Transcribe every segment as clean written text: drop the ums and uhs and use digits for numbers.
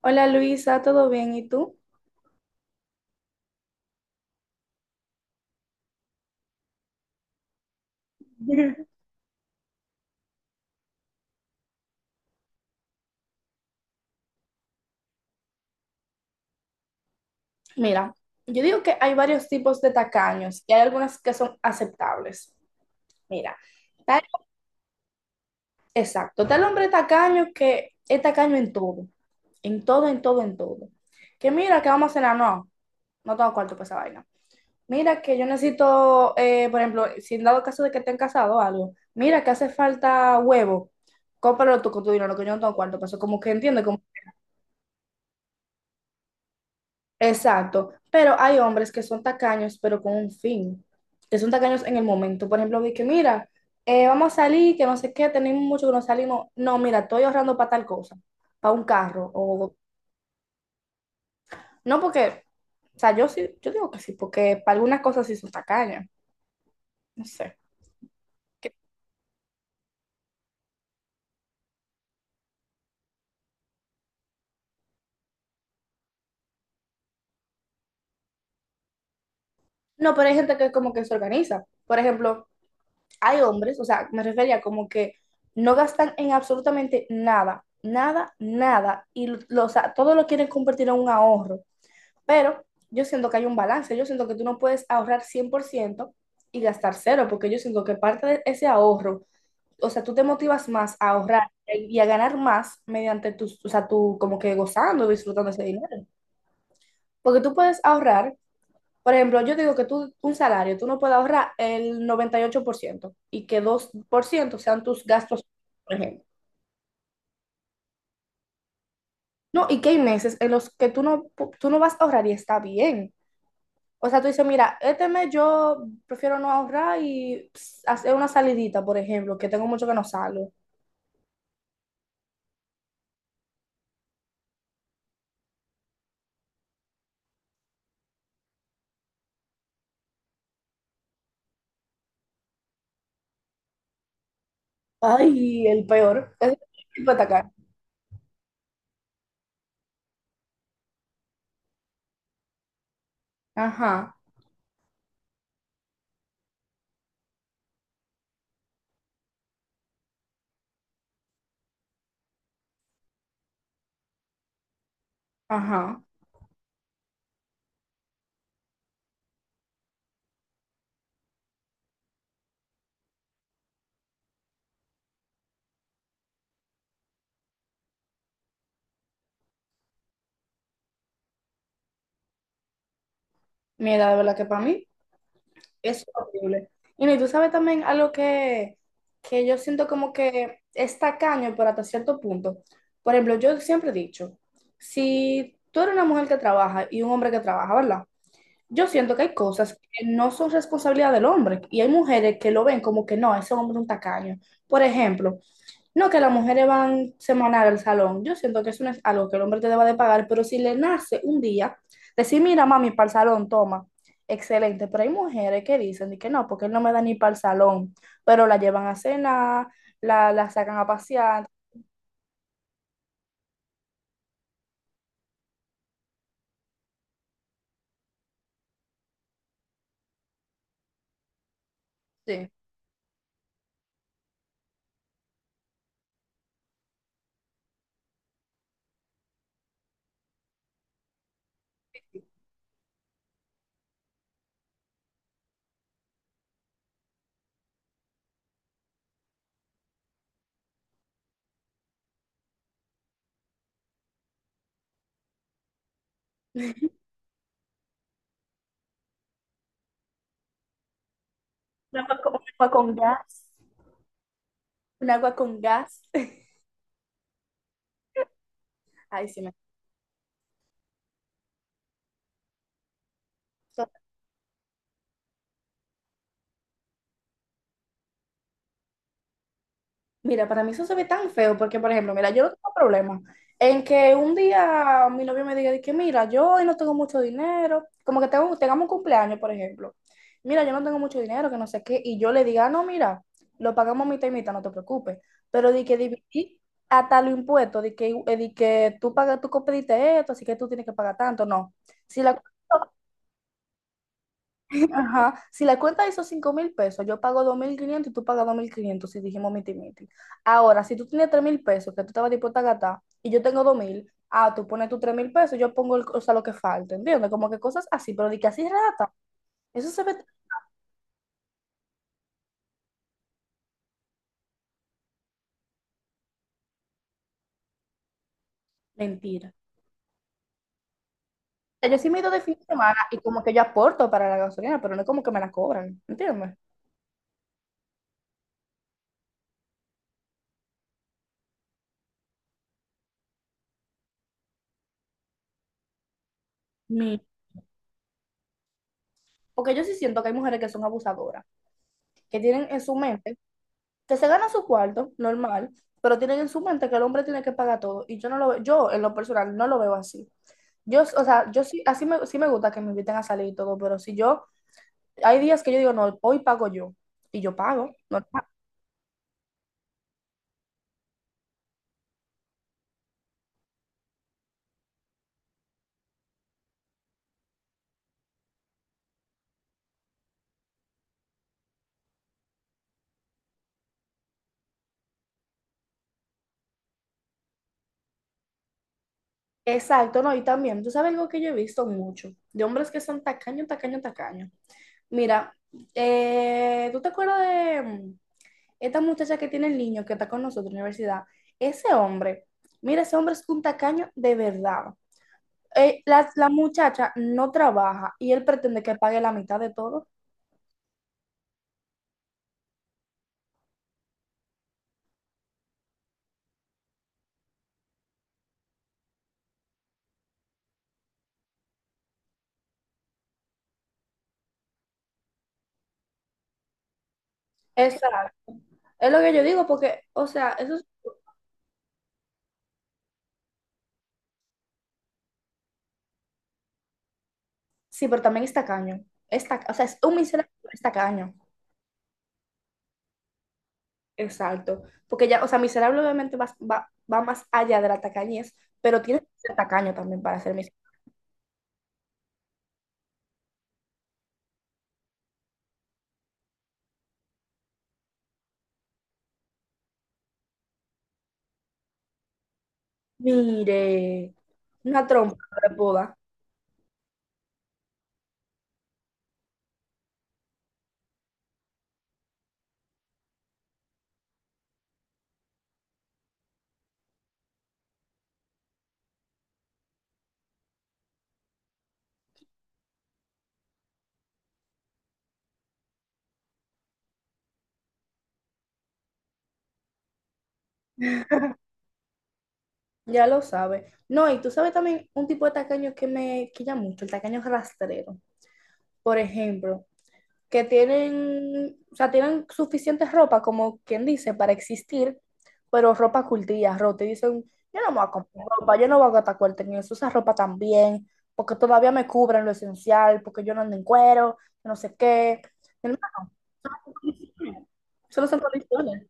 Hola Luisa, ¿todo bien? ¿Y tú? Mira, yo digo que hay varios tipos de tacaños y hay algunas que son aceptables. Mira, está- exacto, está el hombre tacaño que es tacaño en todo, en todo, en todo, en todo. Que mira, que vamos a cenar, no, no tengo cuarto para esa vaina. Mira, que yo necesito, por ejemplo, si en dado caso de que estén casados o algo, mira, que hace falta huevo, cómpralo tú con tu dinero, que yo no tengo cuarto para eso. Como que entiende. Exacto, pero hay hombres que son tacaños, pero con un fin, que son tacaños en el momento. Por ejemplo, vi que mira, vamos a salir, que no sé qué, tenemos mucho que no salimos. No, mira, estoy ahorrando para tal cosa, para un carro, o no porque, o sea, yo sí, yo digo que sí, porque para algunas cosas sí son tacañas, no sé. Que- No, pero hay gente que como que se organiza. Por ejemplo, hay hombres, o sea, me refería como que no gastan en absolutamente nada, nada, nada, y o sea, todo lo quieren convertir en un ahorro. Pero yo siento que hay un balance, yo siento que tú no puedes ahorrar 100% y gastar cero, porque yo siento que parte de ese ahorro, o sea, tú te motivas más a ahorrar y a ganar más mediante tus, o sea, tú como que gozando, y disfrutando ese dinero. Porque tú puedes ahorrar, por ejemplo, yo digo que tú un salario, tú no puedes ahorrar el 98% y que 2% sean tus gastos, por ejemplo. No, y que hay meses en los que tú no vas a ahorrar y está bien. O sea, tú dices, mira, este mes yo prefiero no ahorrar y ps, hacer una salidita, por ejemplo, que tengo mucho que no salgo. Ay, el peor. Es el tipo de atacar. Ajá, ajá. Mira, de verdad que para mí es horrible. Y no, y tú sabes también algo que yo siento como que es tacaño, pero hasta cierto punto. Por ejemplo, yo siempre he dicho, si tú eres una mujer que trabaja y un hombre que trabaja, ¿verdad? Yo siento que hay cosas que no son responsabilidad del hombre y hay mujeres que lo ven como que no, ese hombre es un tacaño. Por ejemplo, no que las mujeres van semanal al salón. Yo siento que eso no es algo que el hombre te deba de pagar, pero si le nace un día, decir, mira, mami, para el salón, toma. Excelente, pero hay mujeres que dicen de que no, porque él no me da ni para el salón, pero la llevan a cenar, la sacan a pasear. Sí. Un agua con gas, un agua con gas. Ay, sí, me... Mira, para mí eso se ve tan feo porque, por ejemplo, mira, yo no tengo problema en que un día mi novio me diga de que, mira, yo hoy no tengo mucho dinero, como que tengamos un cumpleaños, por ejemplo. Mira, yo no tengo mucho dinero, que no sé qué, y yo le diga, "Ah, no, mira, lo pagamos mitad y mitad, no te preocupes. Pero de que dividir hasta los impuestos, de que tú pagas, tú pediste esto, así que tú tienes que pagar tanto, no. Si la Ajá, si la cuenta hizo 5.000 pesos, yo pago 2.500 y tú pagas 2.500 si dijimos miti miti. Ahora, si tú tienes 3.000 pesos que tú estabas dispuesta a gastar y yo tengo 2.000, ah, tú pones tus 3.000 pesos, yo pongo el- o sea, lo que falta, ¿entiendes? Como que cosas así, pero de que así rata, eso se ve mentira. O sea, yo sí me he ido de fin de semana y como que yo aporto para la gasolina, pero no es como que me la cobran, ¿entiendes? Mi- Porque yo sí siento que hay mujeres que son abusadoras, que tienen en su mente que se gana su cuarto, normal, pero tienen en su mente que el hombre tiene que pagar todo. Y yo no lo veo, yo en lo personal no lo veo así. Yo, o sea, yo sí, así me, sí me gusta que me inviten a salir y todo, pero si yo, hay días que yo digo, no, hoy pago yo, y yo pago, no. Exacto, no, y también, tú sabes algo que yo he visto mucho, de hombres que son tacaños tacaños tacaños. Mira, ¿tú te acuerdas de esta muchacha que tiene el niño que está con nosotros en la universidad? Ese hombre, mira, ese hombre es un tacaño de verdad. La muchacha no trabaja y él pretende que pague la mitad de todo. Exacto. Es lo que yo digo, porque, o sea, sí, pero también es tacaño. O sea, es un miserable, pero es tacaño. Exacto. Porque ya, o sea, miserable obviamente va más allá de la tacañez, pero tiene que ser tacaño también para ser miserable. Mire, una trompa de boda, ya lo sabe. No, y tú sabes también un tipo de tacaño que me quilla mucho, el tacaño rastrero. Por ejemplo, que tienen, o sea, tienen suficiente ropa, como quien dice, para existir, pero ropa cultilla, rota, y dicen, yo no me voy a comprar ropa, yo no voy a gastar cuarto en eso, esa ropa también, porque todavía me cubren lo esencial, porque yo no ando en cuero, no sé qué. Solo son condiciones.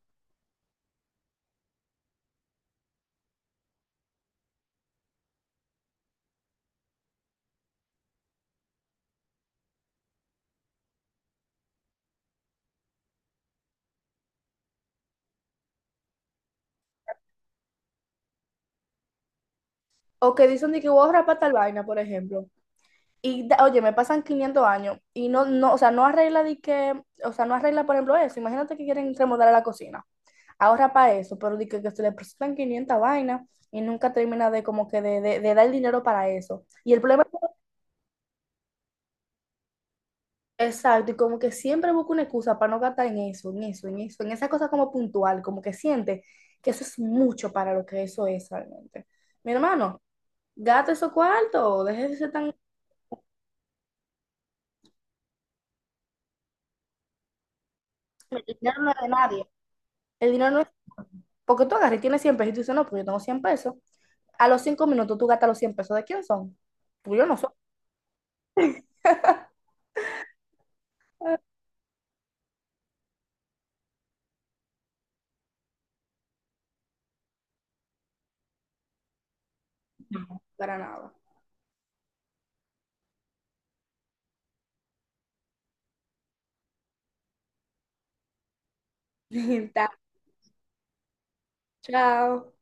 O que dicen de que voy a rapar tal vaina, por ejemplo. Y oye, me pasan 500 años y no, no, o sea, no arregla de que, o sea, no arregla, por ejemplo, eso. Imagínate que quieren remodelar la cocina. Ahorra para eso, pero de que se le presentan 500 vainas y nunca termina de como que de dar el dinero para eso. Y el problema es exacto, y como que siempre busca una excusa para no gastar en eso, en eso, en eso, en esa cosa como puntual, como que siente que eso es mucho para lo que eso es realmente. Mi hermano, gasta esos cuartos, deje de ser tan... El dinero no es de nadie. El dinero no es... Porque tú agarras y tienes 100 pesos y tú dices, no, pues yo tengo 100 pesos. A los 5 minutos tú gastas los 100 pesos. ¿De quién son? Pues yo no soy. Para nada. Chao.